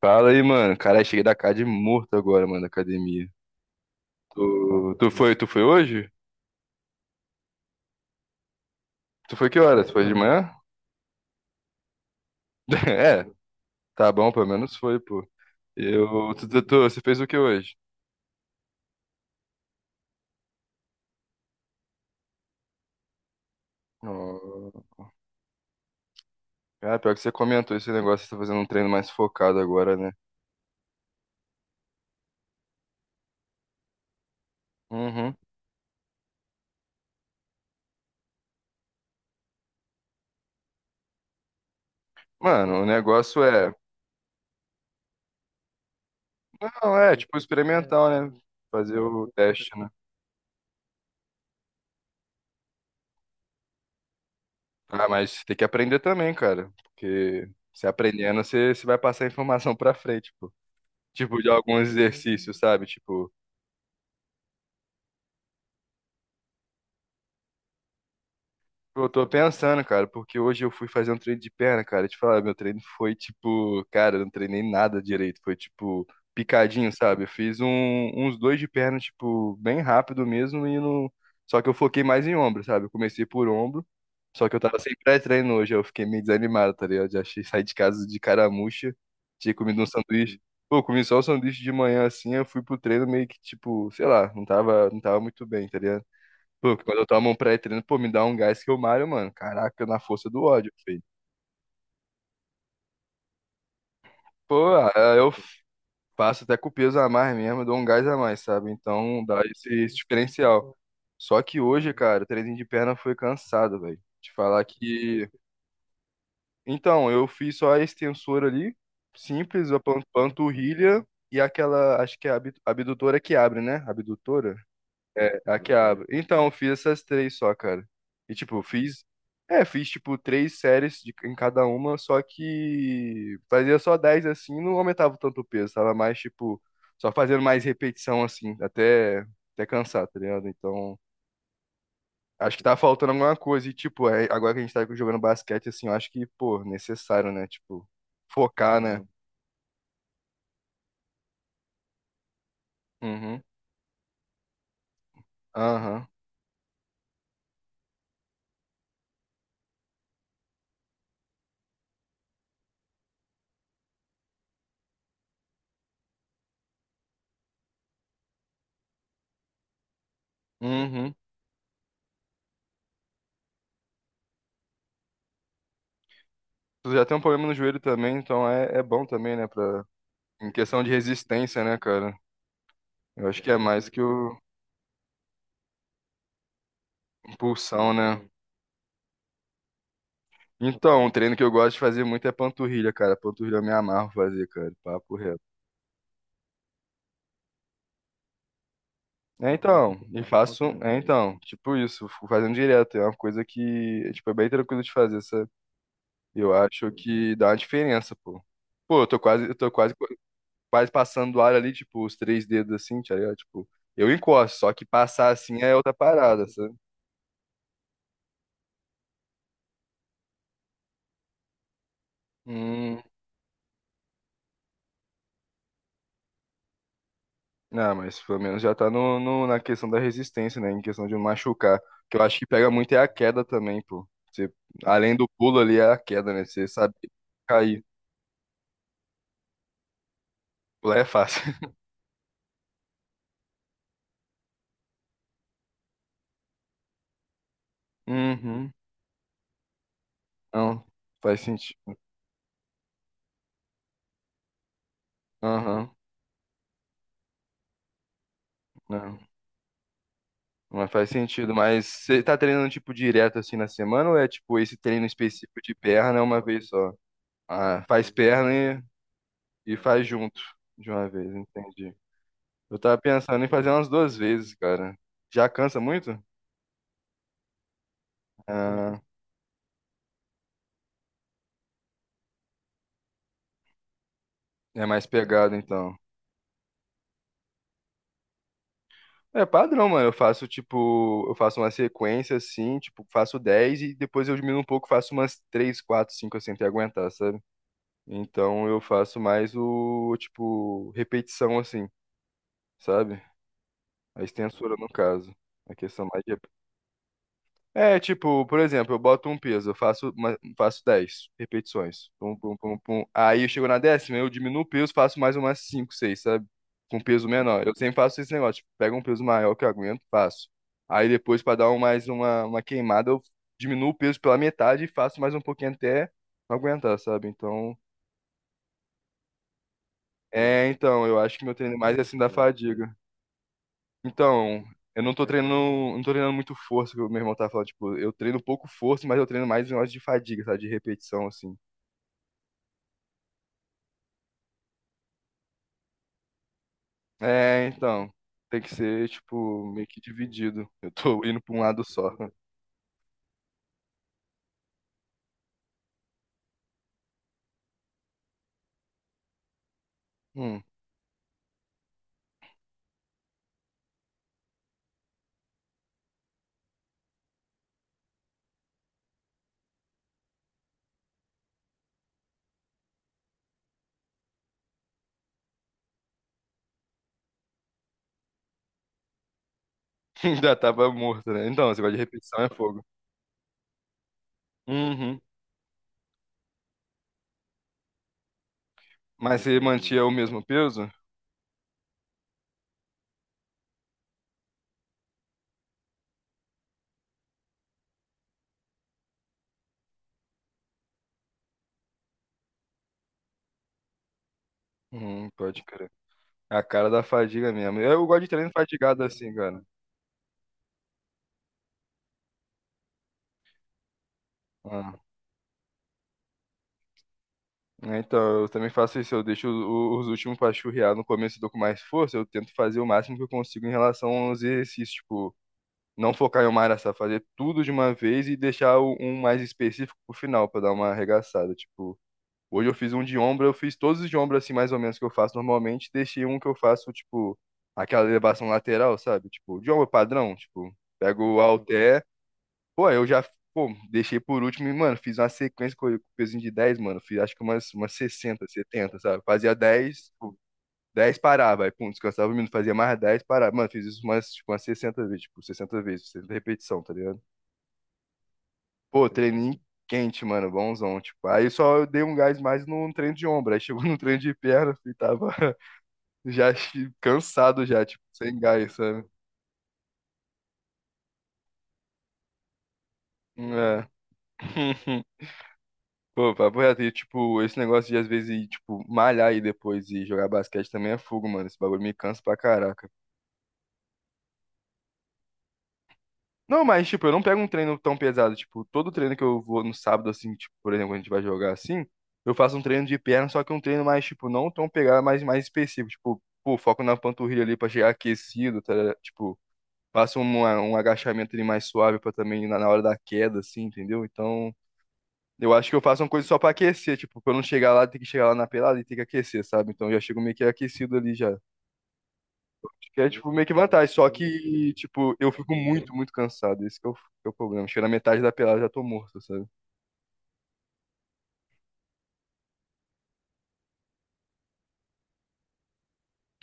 Fala aí, mano. Cara, cheguei da casa de morto agora, mano, da academia. Tu foi hoje? Tu foi que horas? Foi de manhã? É, tá bom, pelo menos foi, pô. Eu, tu, tu, tu- você fez o que hoje? Oh. Ah, pior que você comentou esse negócio, você tá fazendo um treino mais focado agora, né? Uhum. Mano, não, é tipo experimental, né? Fazer o teste, né? Ah, mas tem que aprender também, cara, porque se aprendendo, você vai passar informação pra frente, pô. Tipo, de alguns exercícios, sabe? Tipo, eu tô pensando, cara, porque hoje eu fui fazer um treino de perna, cara. Te falar, meu treino foi tipo, cara, eu não treinei nada direito. Foi tipo picadinho, sabe? Eu fiz uns dois de perna, tipo, bem rápido mesmo e não. Só que eu foquei mais em ombro, sabe? Eu comecei por ombro, só que eu tava sem pré-treino hoje. Eu fiquei meio desanimado, tá ligado? Já achei sair de casa de caramuxa, tinha comido um sanduíche. Pô, eu comi só um sanduíche de manhã assim, eu fui pro treino meio que tipo, sei lá, não tava muito bem, tá ligado? Pô, quando eu tomo um pré-treino, pô, me dá um gás que eu malho, mano. Caraca, na força do ódio, filho. Pô, ah, eu faço até com o peso a mais mesmo, eu dou um gás a mais, sabe? Então dá esse diferencial. Só que hoje, cara, o treininho de perna foi cansado, velho. Te falar que. Então, eu fiz só a extensora ali, simples, a panturrilha e aquela, acho que é a abdutora que abre, né? Abdutora? É, a que abre. Então, eu fiz essas três só, cara. E, tipo, eu fiz. É, fiz, tipo, três séries em cada uma, só que fazia só 10 assim, não aumentava tanto o peso, tava mais, tipo, só fazendo mais repetição, assim, até cansar, tá ligado? Então, acho que tá faltando alguma coisa. E, tipo, agora que a gente tá jogando basquete, assim, eu acho que, pô, necessário, né? Tipo, focar, né? Uhum. Uhum. Aham. Uhum. Tu já tem um problema no joelho também, então é bom também, né? Pra. Em questão de resistência, né, cara? Eu acho que é mais que o impulsão, né? Então, um treino que eu gosto de fazer muito é panturrilha, cara. Panturrilha eu me amarro fazer, cara. Papo reto. É, então, e faço. É, então, tipo isso, fico fazendo direto. É uma coisa que, tipo, é bem tranquilo de fazer, sabe? Eu acho que dá uma diferença, pô. Pô, eu tô quase, quase passando do ar ali, tipo, os três dedos assim, tá ligado? Tipo, eu encosto, só que passar assim é outra parada, sabe? Hum. Ah, mas pelo menos já tá na questão da resistência, né? Em questão de machucar. Que eu acho que pega muito é a queda também, pô. Além do pulo ali, é a queda, né? Você sabe cair. Pular é fácil. Uhum. Não, faz sentido. Aham. Não, não faz sentido. Mas você tá treinando, tipo, direto assim na semana ou é, tipo, esse treino específico de perna é uma vez só? Ah, faz perna e faz junto de uma vez, entendi. Eu tava pensando em fazer umas duas vezes, cara. Já cansa muito? Ah. É mais pegado, então. É padrão, mano. Eu faço, tipo, eu faço uma sequência assim, tipo, faço 10 e depois eu diminuo um pouco, faço umas 3, 4, 5 assim, até aguentar, sabe? Então eu faço mais o, tipo, repetição assim, sabe? A extensura, no caso. A questão mais de. É, tipo, por exemplo, eu boto um peso, eu faço 10 repetições. Pum, pum, pum, pum. Aí eu chego na décima, eu diminuo o peso, faço mais umas 5, 6, sabe? Com peso menor. Eu sempre faço esse negócio, tipo, pego um peso maior que eu aguento, faço. Aí depois, pra dar mais uma queimada, eu diminuo o peso pela metade e faço mais um pouquinho até aguentar, sabe? Então, eu acho que meu treino é mais assim da fadiga. Então, eu não tô treinando muito força, que o meu irmão tava falando, tipo, eu treino pouco força, mas eu treino mais em horas de fadiga, sabe, de repetição, assim. É, então, tem que ser, tipo, meio que dividido. Eu tô indo pra um lado só. Hum, ainda tava morto, né? Então, esse negócio de repetição é fogo. Uhum. Mas você mantinha o mesmo peso? Pode crer. É a cara da fadiga mesmo. Eu gosto de treino fatigado assim, cara. Ah. Né? Então, eu também faço isso, eu deixo os últimos pra churrear no começo, eu tô com mais força, eu tento fazer o máximo que eu consigo em relação aos exercícios, tipo, não focar em uma área só, fazer tudo de uma vez e deixar um mais específico pro final, pra dar uma arregaçada, tipo, hoje eu fiz um de ombro, eu fiz todos os de ombro assim, mais ou menos, que eu faço normalmente, deixei um que eu faço, tipo, aquela elevação lateral, sabe? Tipo, de ombro padrão, tipo, pego o halter. Pô, eu já, pô, deixei por último e, mano, fiz uma sequência com pezinho de 10 mano. Fiz acho que umas 60 70 sabe? Fazia 10 tipo, 10 parava, aí, pum, descansava um minuto, fazia mais 10 parava. Mano, fiz isso umas, tipo, umas 60 vezes, tipo, 60 vezes, 60 repetição, tá ligado? Pô, treininho quente, mano, bonzão, tipo. Aí só eu dei um gás mais no treino de ombro, aí chegou no treino de perna, e tava já cansado já, tipo, sem gás, sabe? É. Pô, papo reto, e, tipo, esse negócio de às vezes ir, tipo, malhar e depois e jogar basquete também é fogo, mano. Esse bagulho me cansa pra caraca. Não, mas, tipo, eu não pego um treino tão pesado. Tipo, todo treino que eu vou no sábado, assim, tipo, por exemplo, quando a gente vai jogar assim, eu faço um treino de perna, só que um treino mais, tipo, não tão pegado, mas mais específico. Tipo, pô, foco na panturrilha ali pra chegar aquecido, tá ligado? Tipo, faço um agachamento ali mais suave pra também na hora da queda, assim, entendeu? Então. Eu acho que eu faço uma coisa só pra aquecer, tipo, pra eu não chegar lá, ter que chegar lá na pelada e ter que aquecer, sabe? Então eu já chego meio que aquecido ali já. Acho que é, tipo, meio que vantagem, só que, tipo, eu fico muito, muito cansado, esse que é o problema. Chega na metade da pelada eu já tô morto, sabe?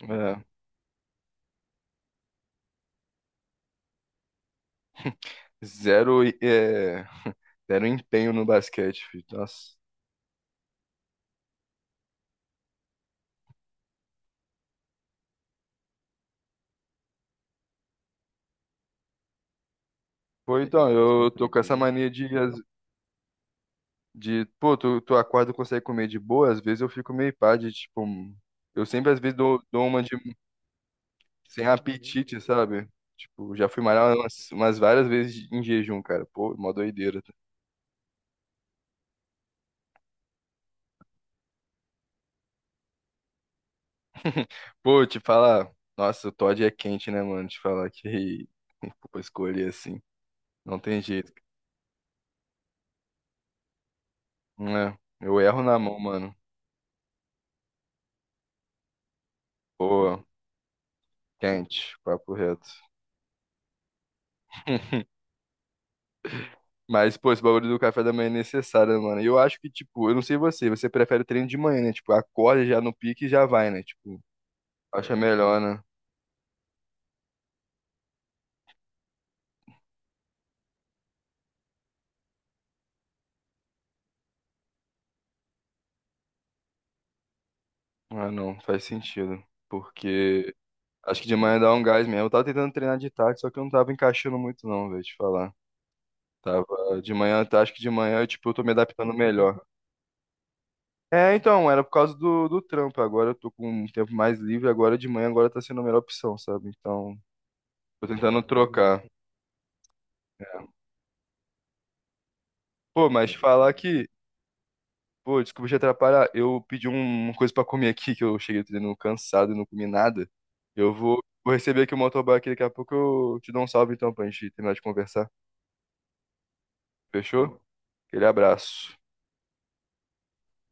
É, zero, zero empenho no basquete, filho. Nossa. Pô, então, eu tô com essa mania de pô, tu acorda e consegue comer de boa, às vezes eu fico meio pá de, tipo, eu sempre às vezes dou uma de sem apetite, sabe? Tipo, já fui malhar umas várias vezes em jejum, cara. Pô, mó doideira. Pô, te falar, nossa, o Todd é quente, né, mano? Te falar que pô, escolher assim, não tem jeito, né? Eu erro na mão, mano. Pô, quente, papo reto. Mas, pô, esse bagulho do café da manhã é necessário, né, mano. E eu acho que, tipo, eu não sei você, prefere treino de manhã, né? Tipo, acorda já no pique e já vai, né? Tipo, acha melhor, né? Ah, não, faz sentido. Porque acho que de manhã dá um gás mesmo. Eu tava tentando treinar de tarde, só que eu não tava encaixando muito, não, velho, te falar. Tava de manhã, tá, acho que de manhã, eu, tipo, eu tô me adaptando melhor. É, então, era por causa do trampo. Agora eu tô com um tempo mais livre, agora de manhã, agora tá sendo a melhor opção, sabe? Então, tô tentando trocar. Pô, mas te falar que, pô, desculpa te atrapalhar. Eu pedi uma coisa pra comer aqui, que eu cheguei treinando cansado e não comi nada. Eu vou receber aqui o motoboy aqui, daqui a pouco eu te dou um salve então pra gente terminar de conversar. Fechou? Aquele abraço.